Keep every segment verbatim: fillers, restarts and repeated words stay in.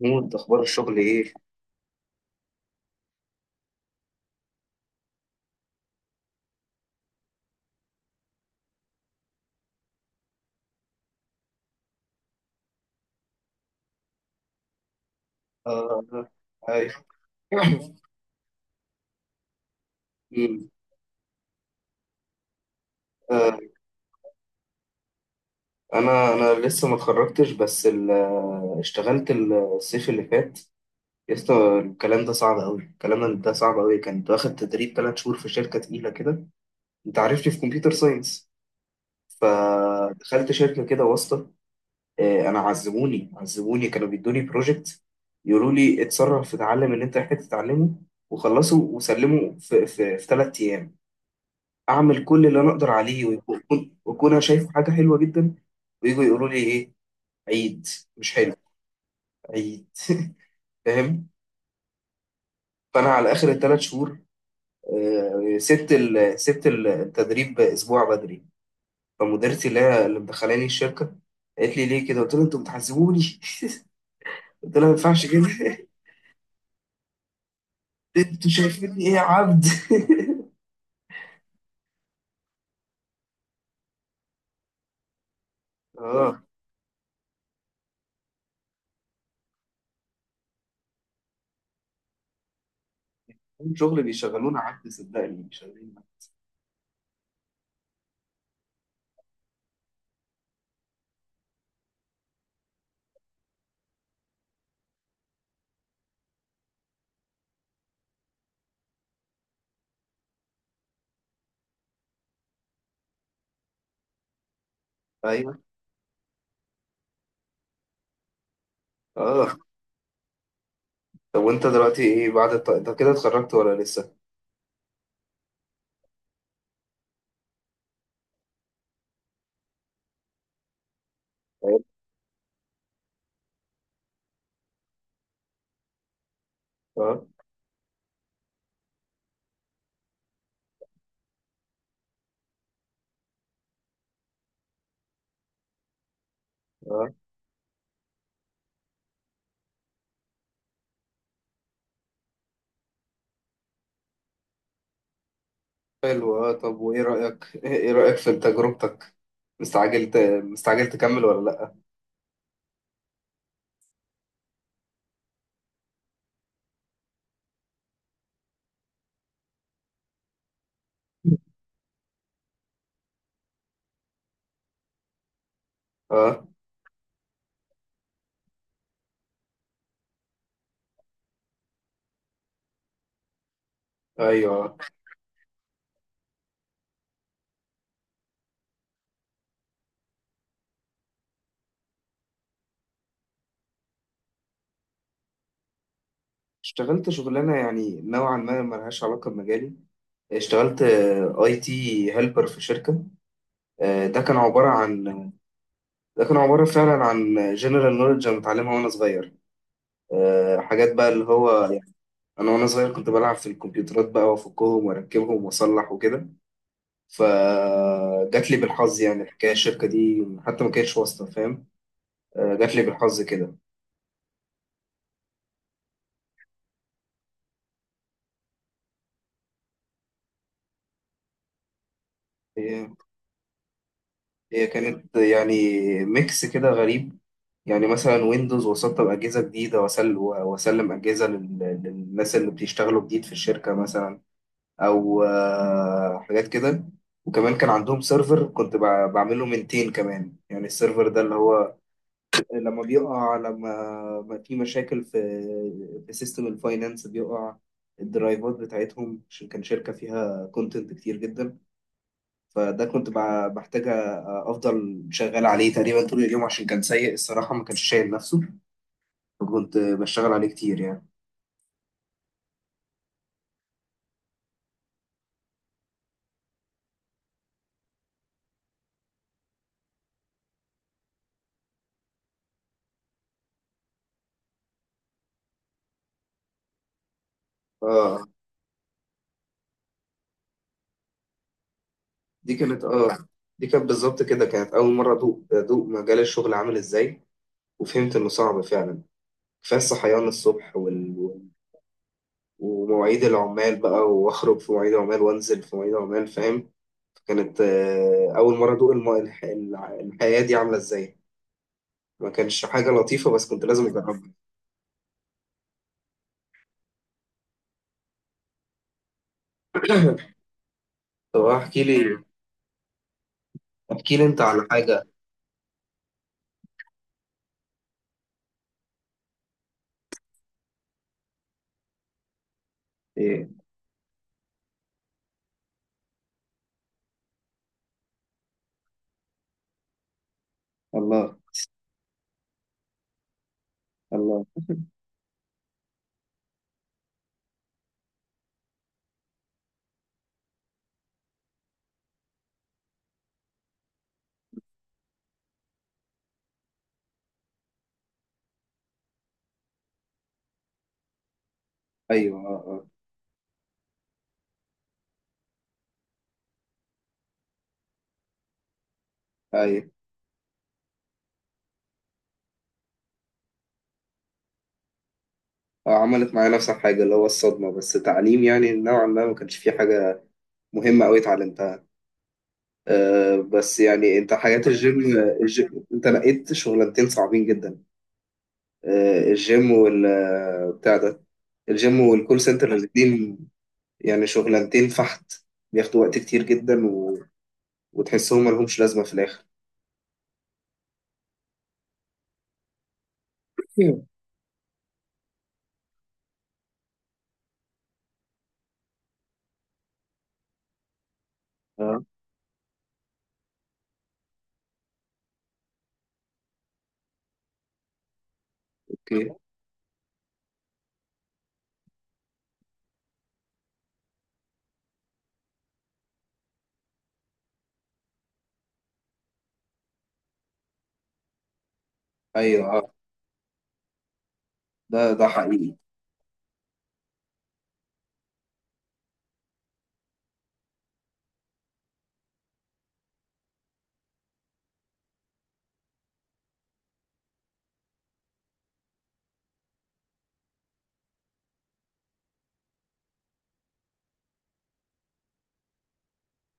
محمود، اخبار الشغل ايه؟ آه. هاي. مم. آه. انا انا لسه ما اتخرجتش بس ال- آه، اشتغلت الصيف اللي فات. لسه الكلام ده صعب قوي، الكلام ده صعب قوي. كنت واخد تدريب ثلاث شهور في شركه تقيله كده. انت عارفني في كمبيوتر ساينس، فدخلت شركه كده واسطه. آه، انا عذبوني عذبوني، كانوا بيدوني بروجكت يقولوا لي اتصرف، اتعلم اللي انت محتاج تتعلمه، وخلصه وسلمه في في ثلاث ايام، اعمل كل اللي انا اقدر عليه، ويكون واكون انا شايفه حاجه حلوه جدا. ويجوا يقولوا لي ايه؟ عيد. مش حلو. عيد. فاهم. فانا على اخر الثلاث شهور، آه، سبت ال- سبت ال- التدريب اسبوع بدري. فمديرتي اللي هي اللي مدخلاني الشركه قالت لي ليه كده، قلت لها انتوا بتحذبوني. قلت لها ما ينفعش كده. انتوا شايفيني ايه يا عبد؟ اه. شغل بيشغلونا، عبد صدقني بيشغلونا. ايوه. اه. طب وانت دلوقتي ايه بعد الط... انت كده اتخرجت ولا لسه؟ طيب. اه. آه. حلو. آه. طب وايه رأيك ايه رأيك في تجربتك؟ مستعجل ت... مستعجل تكمل ولا لا؟ اه. ايوه. اشتغلت شغلانه يعني نوعا ما ملهاش علاقه بمجالي. اشتغلت اي تي هيلبر في شركه. آه، ده كان عباره عن. ده كان عباره فعلا عن جنرال نوليدج انا متعلمها وانا صغير. آه، حاجات بقى اللي هو يعني انا وانا صغير كنت بلعب في الكمبيوترات بقى وافكهم واركبهم واصلح وكده. فجات لي بالحظ يعني الحكايه، الشركه دي حتى ما كانتش واسطه، فاهم. آه، جات لي بالحظ كده. هي هي كانت يعني ميكس كده غريب. يعني مثلا ويندوز، وسطب أجهزة جديدة، وأسل- وأسلم أجهزة لل- للناس اللي بيشتغلوا جديد في الشركة مثلا. أو آه، حاجات كده. وكمان كان عندهم سيرفر كنت بع- بعمله منتين كمان. يعني السيرفر ده اللي هو لما بيقع، لما ما في مشاكل في في سيستم الفاينانس بيقع الدرايفات بتاعتهم عشان كان شركة فيها كونتنت كتير جدا. فده كنت بع- محتاج افضل شغال عليه تقريبا طول اليوم عشان كان سيء الصراحه، ما كانش شايل نفسه. فكنت بشتغل عليه كتير يعني. اه. دي كانت اه دي كانت بالظبط كده، كانت اول مره ادوق ادوق مجال الشغل عامل ازاي، وفهمت انه صعب فعلا. كفايه الصحيان الصبح وال... وال- ومواعيد العمال بقى، واخرج في مواعيد عمال، وانزل في مواعيد عمال، فاهم. كانت آه، اول مره ادوق الم... الح... الح- الحياه دي عامله ازاي. ما كانش حاجه لطيفه بس كنت لازم اجربها. طب احكي لي، احكي لي انت على حاجة. ايه. الله الله. ايوه. اه. اه. ايوه. آه، عملت معايا نفس الحاجة، اللي هو الصدمة، بس تعليم يعني نوعا ما، ما كانش فيه حاجة مهمة أوي اتعلمتها. أه، بس يعني أنت حياة الجيم، الجيم أنت لقيت شغلانتين صعبين جدا. أه، الجيم وال آه، بتاع ده، الجيم والكول سنتر، الاتنين. يعني شغلانتين فحت، بياخدوا وقت كتير جدا، و... وتحسهم ملهمش لازمة في الآخر. إيه. اه. اوكي. ايوه. اه. ده ده حقيقي.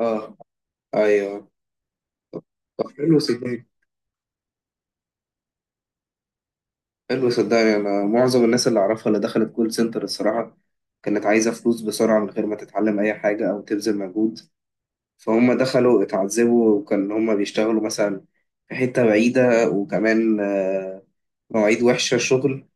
اه. ايوه. طب حلو صدقني. حلو صدقني، انا معظم الناس اللي اعرفها اللي دخلت كول سنتر الصراحه كانت عايزه فلوس بسرعه من غير ما تتعلم اي حاجه او تبذل مجهود. فهم دخلوا اتعذبوا، وكان هم بيشتغلوا مثلا في حته بعيده، وكمان آه، مواعيد وحشه شغل.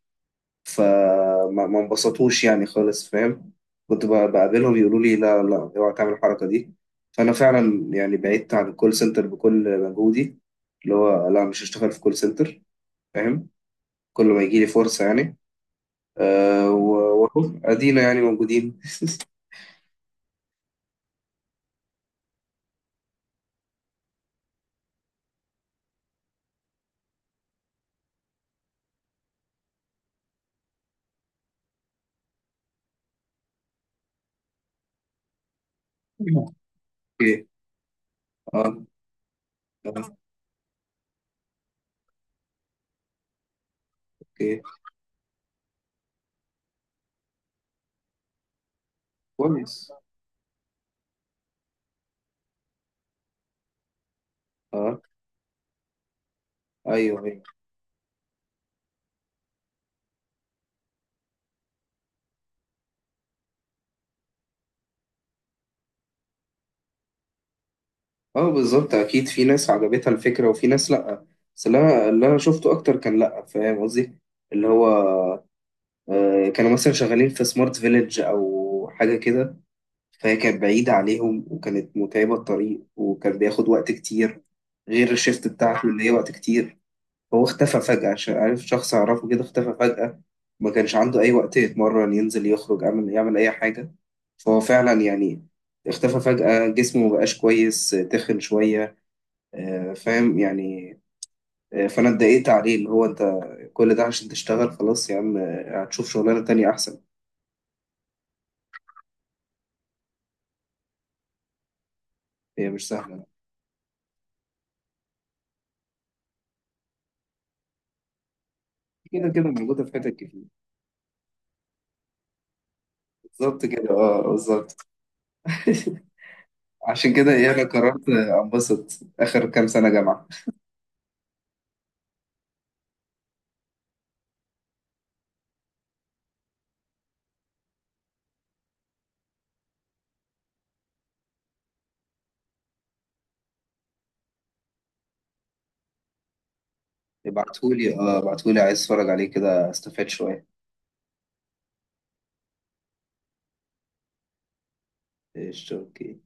فما ما انبسطوش يعني خالص، فاهم. كنت ب- بقابلهم يقولوا لي لا، لا اوعى تعمل الحركه دي. فانا فعلا يعني بعدت عن الكول سنتر بكل مجهودي، اللي هو لا، مش هشتغل في كول سنتر، فاهم. كل ما يجي لي فرصة يعني. أه، و- وأهو أدينا يعني موجودين. أوكي. أه. آه. أوكي. كويس. أه. أيوه. أيوه. أه. بالظبط، أكيد في ناس عجبتها الفكرة وفي ناس لأ. بس اللي أنا اللي أنا شفته أكتر كان لأ، فاهم قصدي. اللي هو أه، كانوا مثلا شغالين في سمارت فيليج أو حاجة كده، فهي كانت بعيدة عليهم، وكانت متعبة الطريق، وكان بياخد وقت كتير، غير الشيفت بتاعته اللي هي وقت كتير. هو اختفى فجأة عشان عارف شخص أعرفه كده اختفى فجأة. ما كانش عنده أي وقت يتمرن، ينزل، يخرج، يعمل يعمل أي حاجة. فهو فعلا يعني اختفى فجأة، جسمه مبقاش كويس، تخن شوية. آه، فاهم يعني. آه، فأنا اتضايقت عليه، اللي هو أنت كل ده عشان تشتغل؟ خلاص يا عم، آه، هتشوف شغلانة تانية أحسن. هي مش سهلة. كده كده موجودة في حتت كتير. بالظبط كده، اه بالظبط. عشان كده، إيه، أنا قررت أنبسط آخر كام سنة جامعة. ابعتهولي اه ابعتهولي، عايز اتفرج عليه كده، استفاد شوية. قشطة، اوكي.